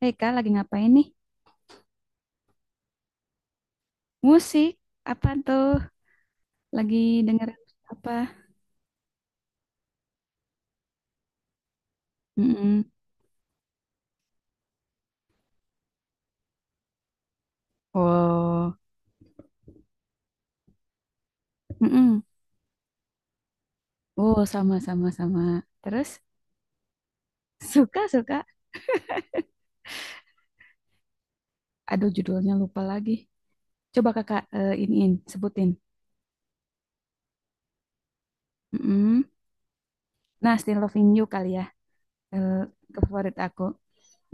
Hei Kak, lagi ngapain nih? Musik? Apa tuh? Lagi dengerin apa? Mm-mm. Oh, mm-mm. Oh, sama, sama, sama. Terus, suka, suka. Aduh, judulnya lupa lagi. Coba kakak iniin, sebutin. Mm-mm. Nah, Still Loving You kali ya. Eh, ke favorit aku.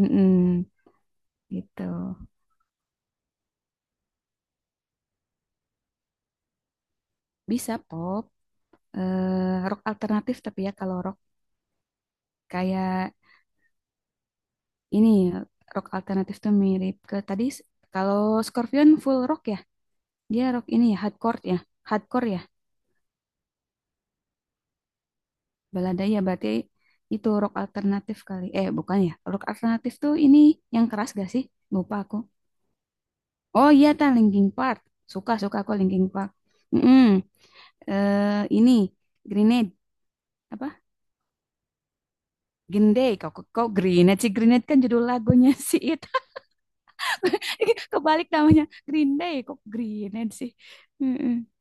Mm-mm. Gitu. Bisa pop. Rock alternatif tapi ya kalau rock kayak ini. Rock alternatif tuh mirip ke tadi. Kalau Scorpion full rock ya. Dia rock ini ya, hardcore ya. Hardcore ya, balada ya berarti itu rock alternatif kali. Eh, bukan ya. Rock alternatif tuh ini yang keras gak sih? Lupa aku. Oh iya, ta Linkin Park. Suka, suka aku Linkin Park. Mm-mm. Eh, ini Grenade apa? Green Day. Kok kok Grenade sih? Grenade kan judul lagunya sih itu. Kebalik namanya. Green Day kok Grenade sih. Mm-mm.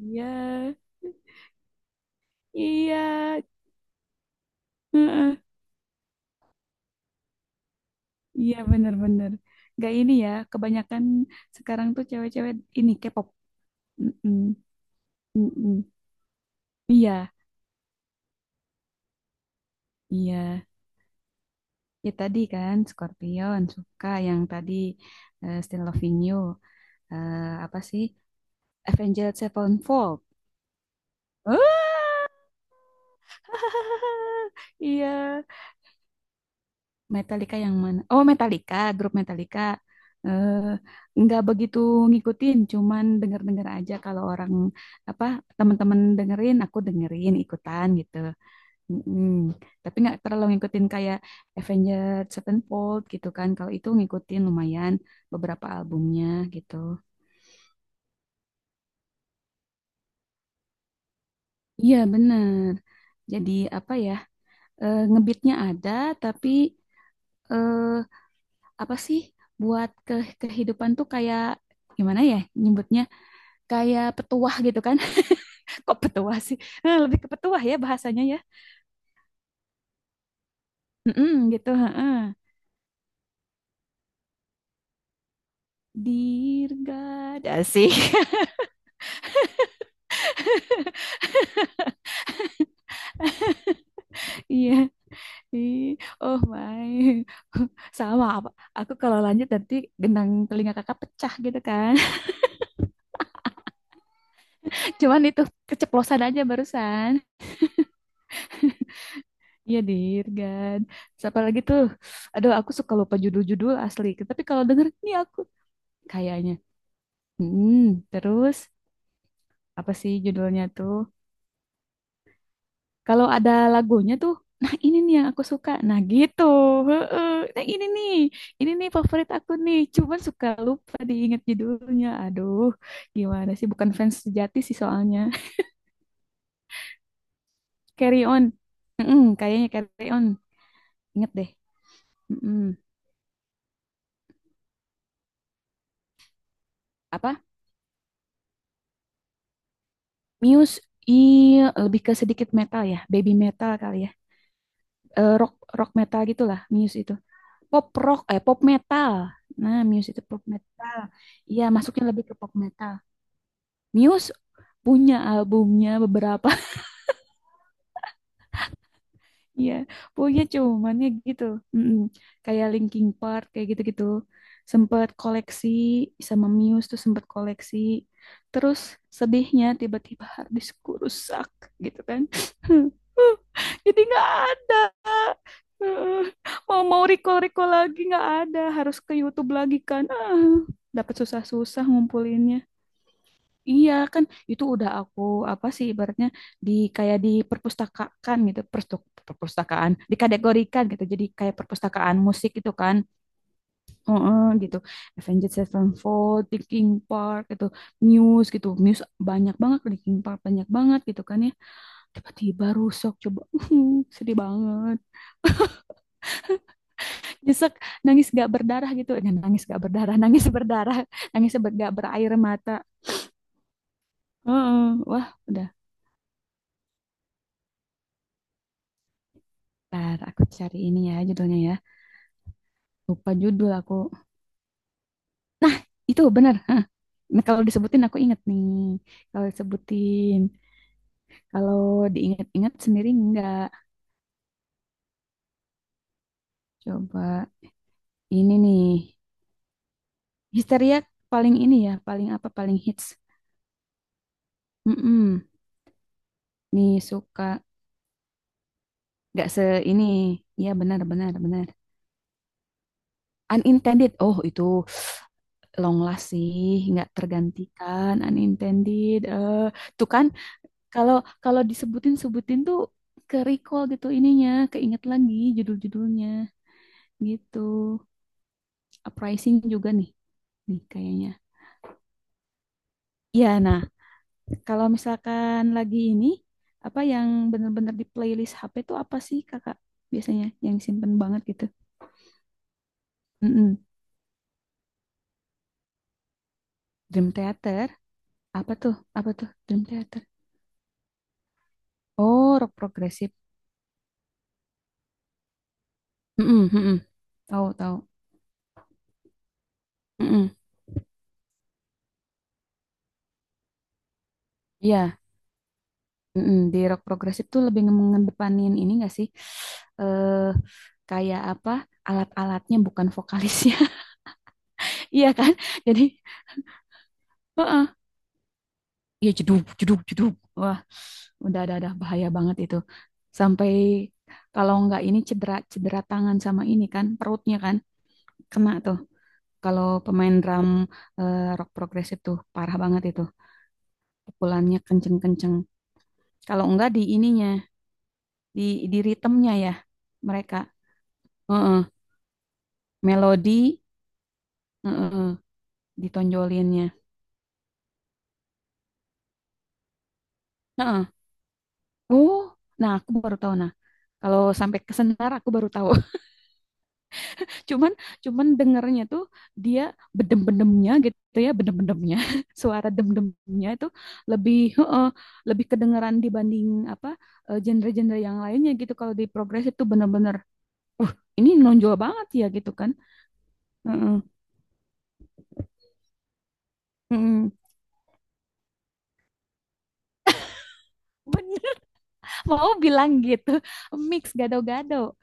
Iya. Iya. Heeh. Iya bener-bener. Gak ini ya, kebanyakan sekarang tuh cewek-cewek ini K-pop. Mm-mm, mm-mm. Iya, iya. Ya tadi kan Scorpion suka yang tadi Still Loving You. Eh, apa sih? Avenged Sevenfold. Iya, Metallica yang mana? Oh, Metallica, grup Metallica. Eh, nggak begitu ngikutin, cuman denger-denger aja kalau orang apa teman-teman dengerin, aku dengerin ikutan gitu. Mm-mm. Tapi nggak terlalu ngikutin kayak Avenged Sevenfold gitu kan. Kalau itu ngikutin lumayan beberapa albumnya gitu. Iya bener. Jadi apa ya, ngebeatnya ada tapi eh, apa sih buat ke kehidupan tuh kayak gimana ya nyebutnya kayak petuah gitu kan. Kok petuah sih? Eh, lebih ke petuah ya bahasanya ya. Mm-mm, gitu. Heeh. Dear God, asik. Iya. Ih, oh my. Sama apa? Aku kalau lanjut nanti gendang telinga kakak pecah gitu kan. Cuman itu keceplosan aja barusan. Iya, Dirgan. Siapa lagi tuh? Aduh, aku suka lupa judul-judul asli. Tapi kalau denger nih aku kayaknya. Hmm, terus apa sih judulnya tuh? Kalau ada lagunya tuh, nah ini nih yang aku suka. Nah gitu. Heeh. Nah ini nih favorit aku nih. Cuman suka lupa diingat judulnya. Aduh, gimana sih? Bukan fans sejati sih soalnya. Carry on. Mm-mm, kayaknya carry on. Ingat deh. Mm-mm. Apa? Muse. Iya, lebih ke sedikit metal ya. Baby metal kali ya. Eh, rock rock metal gitulah Muse itu. Pop rock, eh pop metal. Nah, Muse itu pop metal. Iya, masuknya lebih ke pop metal. Muse punya albumnya beberapa ya punya cuman ya gitu. Mm-mm. Kayak Linkin Park kayak gitu-gitu sempet koleksi sama Muse tuh sempet koleksi terus sedihnya tiba-tiba harddiskku rusak gitu kan. Jadi nggak ada. Heeh. Mau mau recall recall lagi nggak ada harus ke YouTube lagi kan ah, dapat susah-susah ngumpulinnya. Iya kan itu udah aku apa sih ibaratnya di kayak di perpustakaan gitu perstuk- perpustakaan dikategorikan gitu jadi kayak perpustakaan musik gitu kan. Heeh, gitu. Avenged Sevenfold Linkin Park gitu Muse banyak banget Linkin Park banyak banget gitu kan ya tiba-tiba rusak coba. Sedih banget, nyesek, nangis gak berdarah gitu. Eh, nangis gak berdarah. Nangis berdarah nangis ber- gak berair mata. Heeh, wah udah. Ntar aku cari ini ya judulnya ya. Lupa judul aku. Nah, itu benar. Hah. Nah, kalau disebutin aku inget nih. Kalau disebutin, kalau diingat-ingat sendiri enggak. Coba ini nih. Histeria paling ini ya, paling apa, paling hits. Mm-mm. Nih suka nggak se ini. Ya benar, benar, benar. Unintended. Oh, itu long last sih, nggak tergantikan. Unintended. Eh, tuh kan. Kalau kalau disebutin tuh ke recall gitu ininya, keinget lagi judul-judulnya gitu. Uprising juga nih, nih kayaknya. Iya, nah kalau misalkan lagi ini apa yang bener-bener di playlist HP tuh apa sih kakak biasanya yang simpen banget gitu? Mm-mm. Dream Theater, apa tuh? Apa tuh Dream Theater? Oh, rock progresif. Mm-mm, mm-mm. Tahu tahu. Mm-mm. Iya. Mm-mm, di rock progresif tuh lebih mengedepanin ini gak sih? Eh, kayak apa? Alat-alatnya bukan vokalisnya. Iya kan? Jadi, heeh, ya jeduk jeduk jeduk. Wah, udah ada bahaya banget itu. Sampai kalau nggak ini cedera cedera tangan sama ini kan, perutnya kan kena tuh. Kalau pemain drum rock progresif tuh parah banget itu. Pukulannya kenceng-kenceng. Kalau enggak di ininya, di di ritmenya ya mereka. Heeh melodi. Heeh, ditonjolinnya. Heeh. Oh, nah aku baru tahu nah. Kalau sampai ke senar aku baru tahu. Cuman cuman dengernya tuh dia bedem-bedemnya gitu ya, bedem-bedemnya. Suara dem-demnya itu lebih heeh, lebih kedengeran dibanding apa genre-genre yang lainnya gitu. Kalau di progres itu bener-bener uh ini nonjol banget ya gitu kan. Heeh. Heeh. Bener, mau bilang gitu. Mix gado-gado.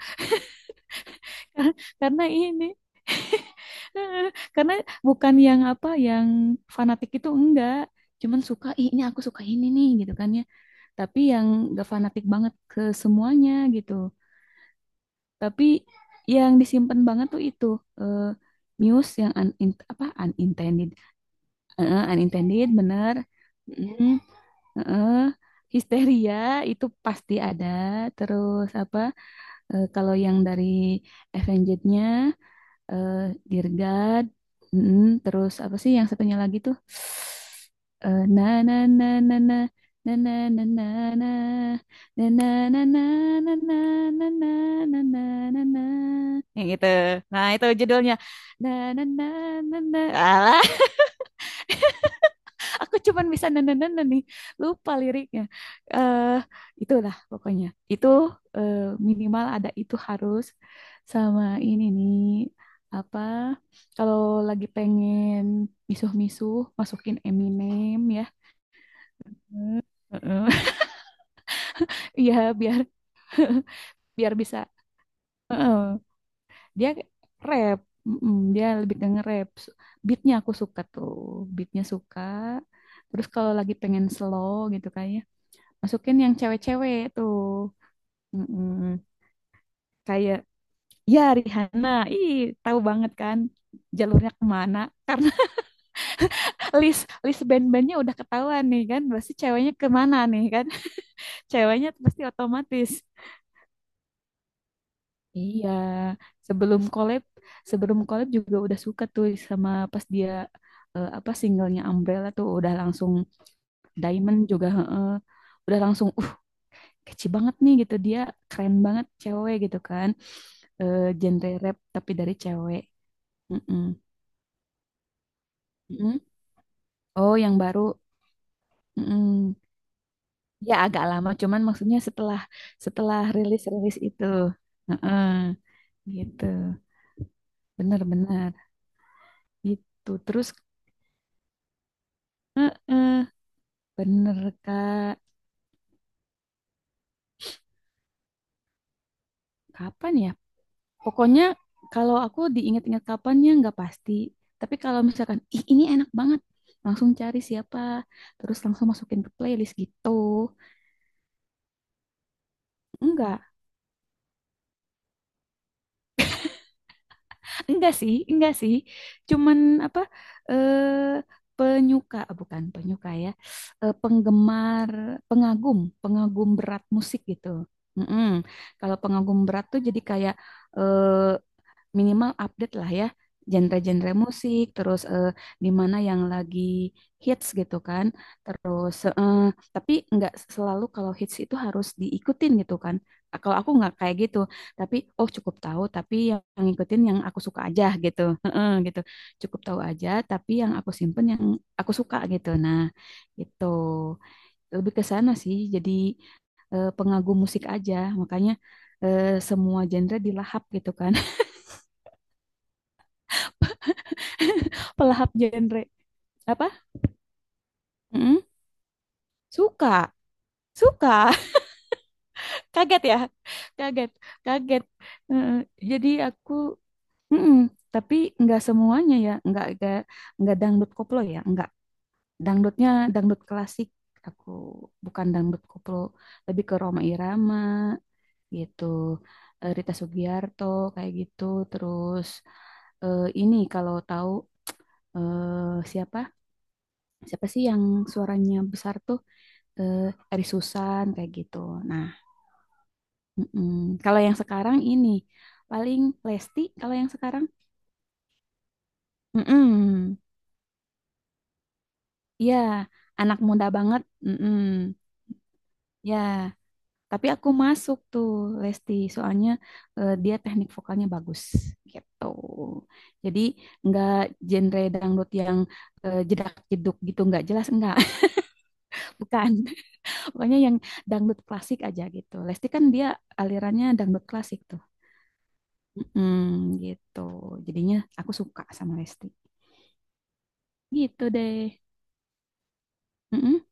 Karena ini karena bukan yang apa yang fanatik itu enggak cuman suka "Ih, ini aku suka ini nih gitu kan ya tapi yang gak fanatik banget ke semuanya gitu tapi yang disimpan banget tuh itu eh, news yang un, in- apa unintended. Unintended bener. Mm, eh, histeria itu pasti ada terus apa kalau yang dari Avenged-nya. Aku cuman bisa nenenenen nih, lupa liriknya. eh Itulah pokoknya. Itu eh, minimal ada itu harus sama ini nih apa kalau lagi pengen misuh-misuh masukin Eminem ya. Hmm. Heeh. Iya, biar biar bisa. Heeh. Dia rap, mm-mm, dia lebih ke nge-rap. Beatnya aku suka tuh, beatnya suka. Terus kalau lagi pengen slow gitu kan ya, masukin yang cewek-cewek tuh. Mm-mm. Kayak ya Rihanna ih tahu banget kan jalurnya kemana karena list list band-bandnya udah ketahuan nih kan pasti ceweknya kemana nih kan. Ceweknya pasti otomatis iya sebelum collab sebelum collab juga udah suka tuh sama pas dia apa singlenya Umbrella tuh udah langsung Diamond juga heeh. Udah langsung kece banget nih gitu dia keren banget cewek gitu kan genre rap tapi dari cewek. Mm-mm. Mm-mm. Oh yang baru. Mm-mm. Ya agak lama cuman maksudnya setelah setelah rilis rilis itu. Heeh, gitu bener bener itu terus eh, eh, bener kak kapan ya. Pokoknya kalau aku diingat-ingat kapannya nggak pasti. Tapi kalau misalkan, ih ini enak banget, langsung cari siapa, terus langsung masukin ke playlist gitu. Enggak, enggak sih, enggak sih. Cuman apa, eh, penyuka, ah, bukan penyuka ya, penggemar, pengagum, pengagum berat musik gitu. Mm-mm. Kalau pengagum berat tuh jadi kayak eh, minimal update lah ya genre-genre musik terus di mana yang lagi hits gitu kan terus tapi nggak selalu kalau hits itu harus diikutin gitu kan kalau aku nggak kayak gitu tapi oh cukup tahu tapi yang ngikutin yang aku suka aja gitu. Heeh, gitu cukup tahu aja tapi yang aku simpen yang aku suka gitu nah gitu lebih ke sana sih jadi pengagum musik aja makanya semua genre dilahap gitu kan. Pelahap genre. Apa? Mm-mm. Suka, suka, kaget ya, kaget, kaget. Heeh, jadi aku, mm-mm. Tapi nggak semuanya ya, nggak nggak dangdut koplo ya, nggak dangdutnya dangdut klasik. Aku bukan dangdut koplo, lebih ke Rhoma Irama gitu, eh, Rita Sugiarto kayak gitu. Terus ini kalau tahu siapa siapa sih yang suaranya besar tuh? eh Eri Susan kayak gitu. Nah, mm-mm. Kalau yang sekarang ini paling Lesti kalau yang sekarang, mm. Iya, anak muda banget, mm. Ya, tapi aku masuk tuh Lesti soalnya dia teknik vokalnya bagus gitu. Jadi nggak genre dangdut yang jedak-jeduk gitu, nggak jelas nggak. Bukan. Pokoknya yang dangdut klasik aja gitu. Lesti kan dia alirannya dangdut klasik. Mm, gitu. Jadinya aku suka sama Lesti. Gitu deh. Mm-mm.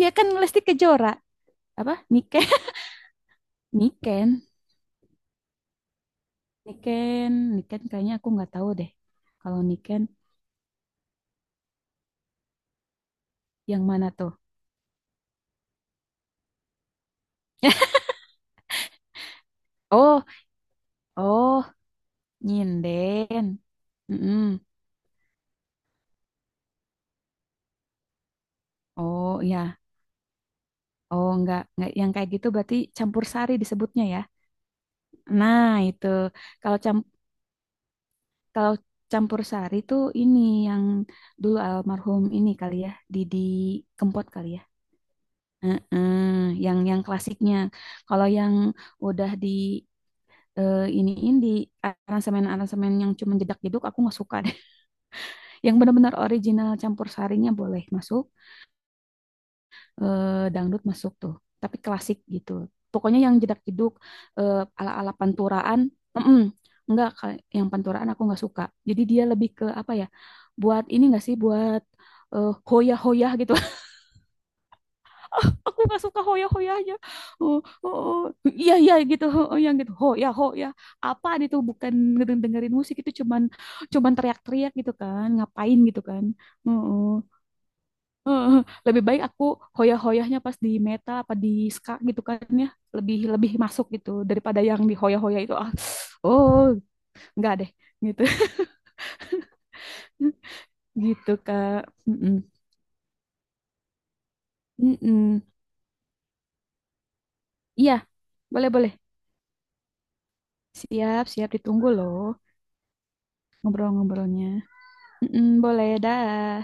Ya kan Lesti Kejora. Apa? Niken. Niken. Niken. Niken kayaknya aku nggak tahu deh. Kalau Niken yang mana tuh? Oh, oh, nyinden. Mm-mm. Oh, ya. Oh, nggak yang kayak gitu berarti campur sari disebutnya ya. Nah, itu. Kalau cam kalau campur sari tuh ini yang dulu almarhum ini kali ya, Didi Kempot kali ya. Heeh, yang klasiknya. Kalau yang udah di iniin di aransemen-aransemen yang cuma jedak-jeduk aku nggak suka deh. Yang benar-benar original campur sarinya boleh masuk, dangdut masuk tuh. Tapi klasik gitu. Pokoknya yang jedak-jeduk eh, ala-ala panturaan, mm enggak yang panturaan aku nggak suka. Jadi dia lebih ke apa ya? Buat ini nggak sih buat hoyah-hoyah gitu aku nggak suka Hoya-Hoya aja oh, oh, oh, iya iya gitu oh, oh, yang gitu Hoya Hoya apa itu bukan dengerin musik itu cuman cuman teriak-teriak gitu kan ngapain gitu kan oh, oh. Eh, lebih baik aku Hoya-Hoyahnya pas di Meta apa di Ska gitu kan ya lebih lebih masuk gitu daripada yang di Hoya-Hoya itu ah oh nggak deh gitu. Gitu Kak. Mm-mm. Mm-mm. Iya boleh boleh siap siap ditunggu loh ngobrol-ngobrolnya. Mm, boleh, dah.